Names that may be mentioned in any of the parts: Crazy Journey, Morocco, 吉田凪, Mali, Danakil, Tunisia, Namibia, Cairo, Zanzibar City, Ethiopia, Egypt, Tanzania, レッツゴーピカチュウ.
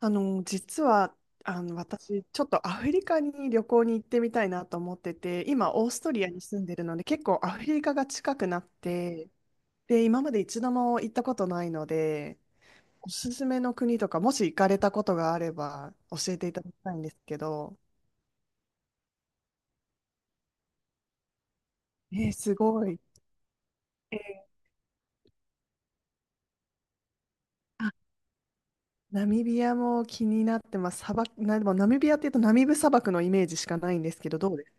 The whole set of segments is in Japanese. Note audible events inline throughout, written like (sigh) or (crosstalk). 実は、私、ちょっとアフリカに旅行に行ってみたいなと思ってて、今、オーストリアに住んでるので、結構アフリカが近くなって、で、今まで一度も行ったことないので、おすすめの国とか、もし行かれたことがあれば、教えていただきたいんですけど。えーすごい。えー、あ、ナミビアも気になってます。砂漠、でもナミビアっていうとナミブ砂漠のイメージしかないんですけど、どうです？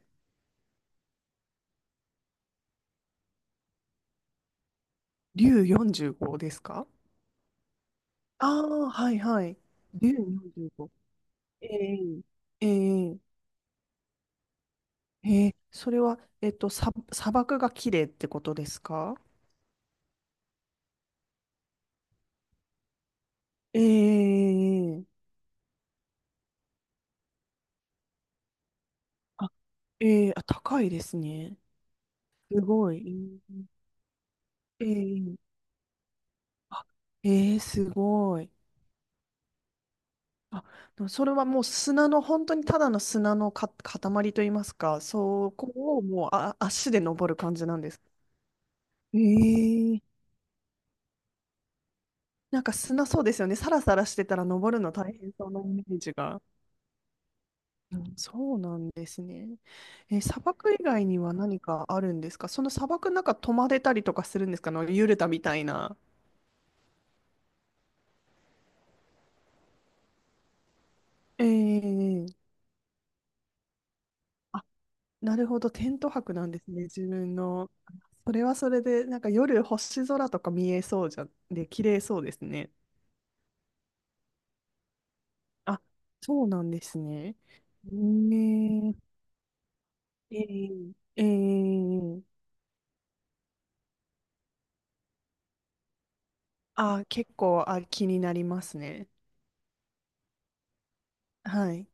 竜45ですか？ああー、はいはい。竜45。ええ、ええ。ええ、それは、砂漠が綺麗ってことですか？ええ、あ、ええ、あ、高いですね。すごい。ええ、あ、ええ、すごい。あ、でもそれはもう砂の、本当にただの砂の塊といいますか、そこをもう足で登る感じなんです。ええ。なんか砂そうですよね。サラサラしてたら登るの大変そうなイメージが。うん、そうなんですね。え、砂漠以外には何かあるんですか？その砂漠の中泊まれたりとかするんですか？あのユルタみたいな。ええ、あ、なるほど。テント泊なんですね。自分の。それはそれで、なんか夜星空とか見えそうじゃん。で、綺麗そうですね。あ、そうなんですね。ねえええええ。あ、結構、あ、気になりますね。はい。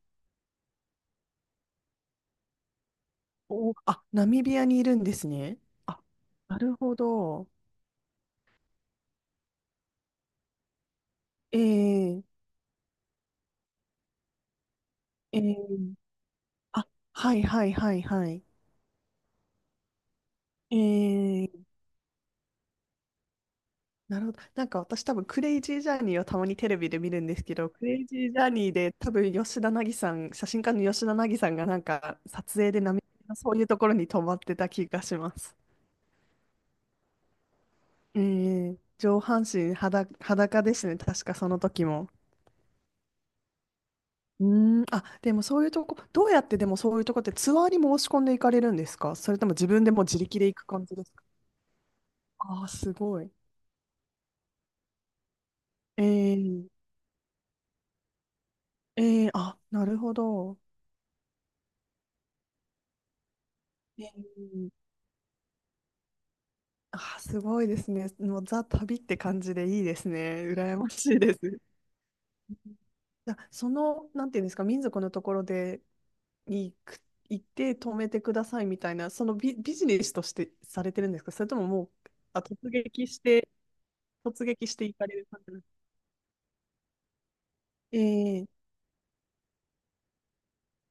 お、あ、ナミビアにいるんですね。あ、なるほど。えー、えー、あ、はいはいはいはい。えー、なるほど。なんか私多分クレイジージャーニーをたまにテレビで見るんですけど、クレイジージャーニーで多分吉田凪さん、写真家の吉田凪さんがなんか撮影でナミビアのそういうところに泊まってた気がします。えー、上半身裸、裸ですね。確かその時も。うーん、あ、でもそういうとこ、どうやってでもそういうとこってツアーに申し込んでいかれるんですか？それとも自分でもう自力で行く感じですか？ああー、すごい。えー、えー、あ、なるほど。えー、あー、すごいですね。もうザ・旅って感じでいいですね。羨ましいです。(laughs) じゃあその、なんていうんですか、民族のところでに行く、行って止めてくださいみたいな、そのビジネスとしてされてるんですか？それとももう、あ、突撃して行かれる感じなんですか？ええ、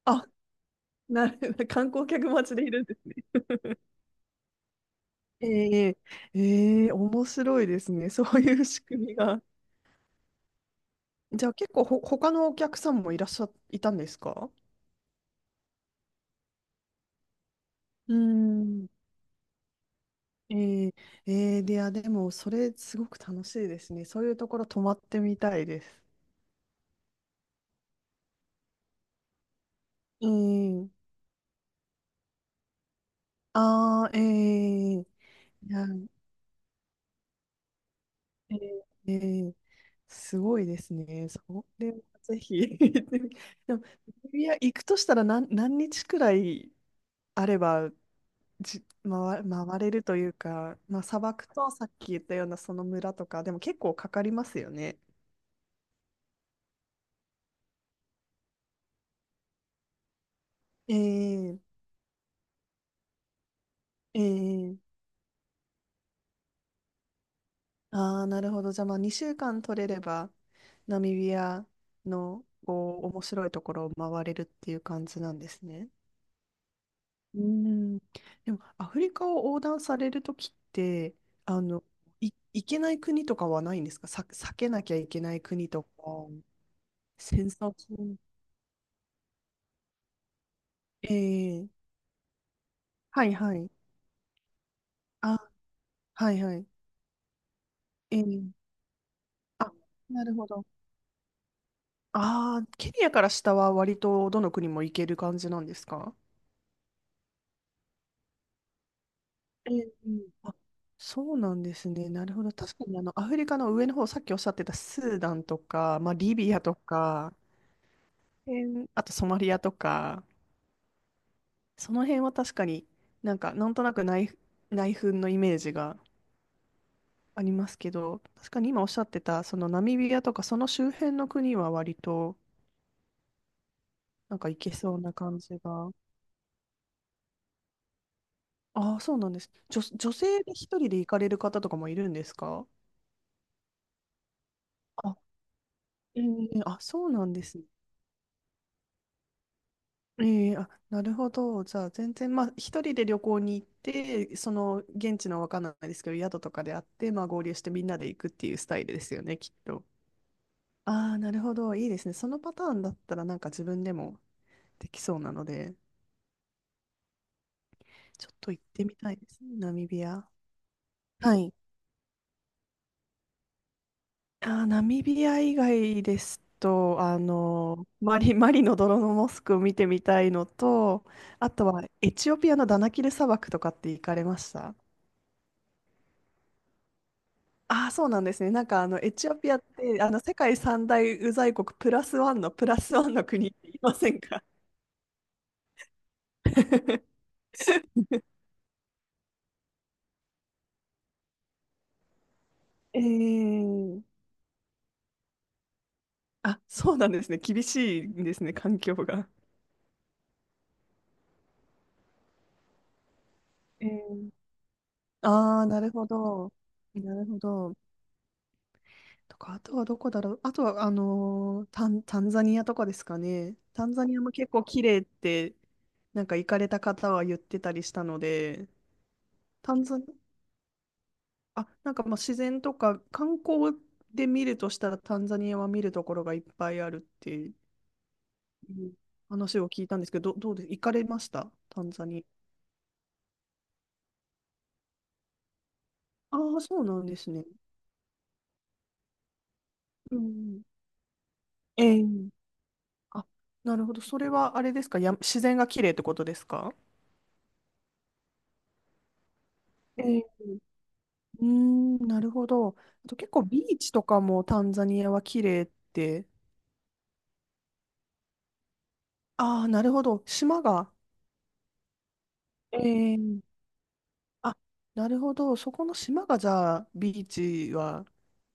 あ、なる、(laughs) 観光客待ちでいるんですね。(laughs) ええええ、面白いですね。(laughs) そういう仕組みが。(laughs) じゃあ結構他のお客さんもいらっしゃ、いたんですか？うーん。ええええで、いや、でも、それすごく楽しいですね。そういうところ泊まってみたいです。ええ、ああ、ええ、いや、ええええ、すごいですね。それはぜひ。(laughs) でも、いや、行くとしたら何日くらいあればじ、回、回れるというか、まあ、砂漠とさっき言ったようなその村とか、でも結構かかりますよね。ええええ、ああー、なるほど。じゃあ、まあ、2週間取れれば、ナミビアのこう面白いところを回れるっていう感じなんですね。うん。でも、アフリカを横断されるときって、あの、行けない国とかはないんですか？避けなきゃいけない国とか。戦争中。ええ、はいはい。あ、はいはい。ええ、あ、なるほど。ああ、ケニアから下は割とどの国も行ける感じなんですか？ええ、あ、そうなんですね。なるほど。確かにアフリカの上の方、さっきおっしゃってたスーダンとか、まあ、リビアとか、えー、あとソマリアとか、その辺は確かになんか、なんとなく内紛のイメージがありますけど、確かに今おっしゃってた、そのナミビアとか、その周辺の国は割と、なんか行けそうな感じが。ああ、そうなんです。女性で一人で行かれる方とかもいるんですか？あ、ええ、あ、そうなんですね。ええ、あ、なるほど。じゃあ、全然、まあ、一人で旅行に行って、その、現地のわかんないですけど、宿とかであって、まあ、合流してみんなで行くっていうスタイルですよね、きっと。ああ、なるほど。いいですね。そのパターンだったら、なんか自分でもできそうなので、ちょっと行ってみたいですね、ナミビア。はい、あー、ナミビア以外ですと、マリの泥のモスクを見てみたいのと、あとはエチオピアのダナキル砂漠とかって行かれました？ああ、そうなんですね。なんかエチオピアって世界三大ウザい国プラスワンのプラスワンの国って言いませんか？ (laughs) えー、あ、そうなんですね。厳しいんですね、環境が。えー、ああ、なるほど。なるほど。とか、あとはどこだろう。あとは、タンザニアとかですかね。タンザニアも結構綺麗って、なんか行かれた方は言ってたりしたので。タンザニア、あ、なんかまあ自然とか観光で見るとしたらタンザニアは見るところがいっぱいあるっていう話を聞いたんですけど、どうです？行かれましたタンザニア？ああ、そうなんですね。うん。ええ、あ、なるほど。それはあれですか？自然が綺麗ってことですか？ええ、うーん、なるほど。あと結構ビーチとかもタンザニアは綺麗って。ああ、なるほど。島が。ええ、あ、なるほど。そこの島がじゃあ、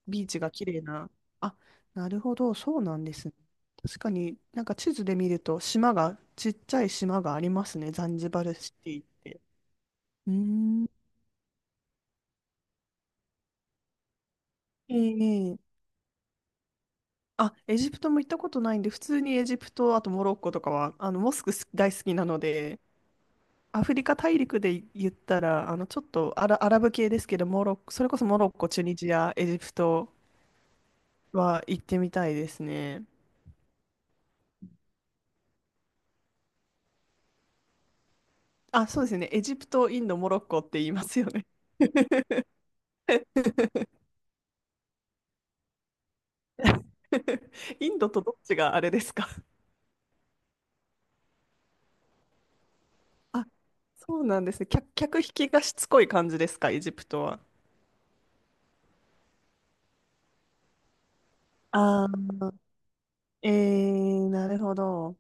ビーチが綺麗な。あ、なるほど。そうなんですね。確かになんか地図で見ると、ちっちゃい島がありますね。ザンジバルシティって。うーん。ええ、あ、エジプトも行ったことないんで、普通にエジプト、あとモロッコとかは、モスク大好きなので、アフリカ大陸で言ったら、ちょっとアラブ系ですけど、モロッコ、それこそモロッコ、チュニジア、エジプトは行ってみたいですね。あ、そうですね。エジプト、インド、モロッコって言いますよね。(laughs) インドとどっちがあれですか？あ、そうなんですね。客引きがしつこい感じですか、エジプトは。ああ、えー、なるほど。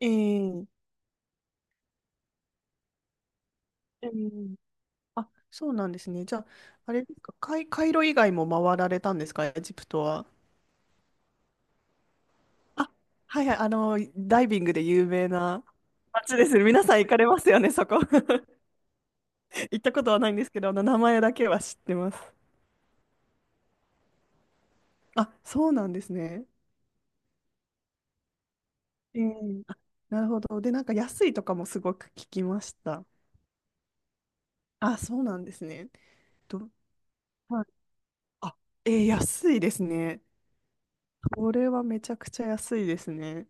えー、えー、あ、そうなんですね。じゃあ、あれですか、カイロ以外も回られたんですか、エジプトは。あ、はいはい、ダイビングで有名な街ですね。皆さん行かれますよね、そこ。(laughs) 行ったことはないんですけど、名前だけは知ってます。あ、そうなんですね。ええ、あ、なるほど。で、なんか安いとかもすごく聞きました。あ、そうなんですね。ど、はい。あ、えー、安いですね。これはめちゃくちゃ安いですね。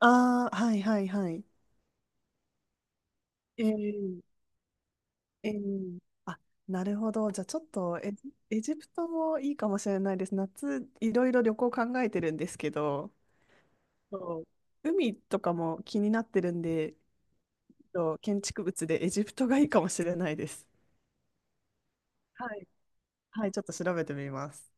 ああ、はいはいはい。ええええ、あ、なるほど。じゃあちょっとエジプトもいいかもしれないです。夏、いろいろ旅行考えてるんですけど、そう、海とかも気になってるんで、と建築物でエジプトがいいかもしれないです。はい。はい、ちょっと調べてみます。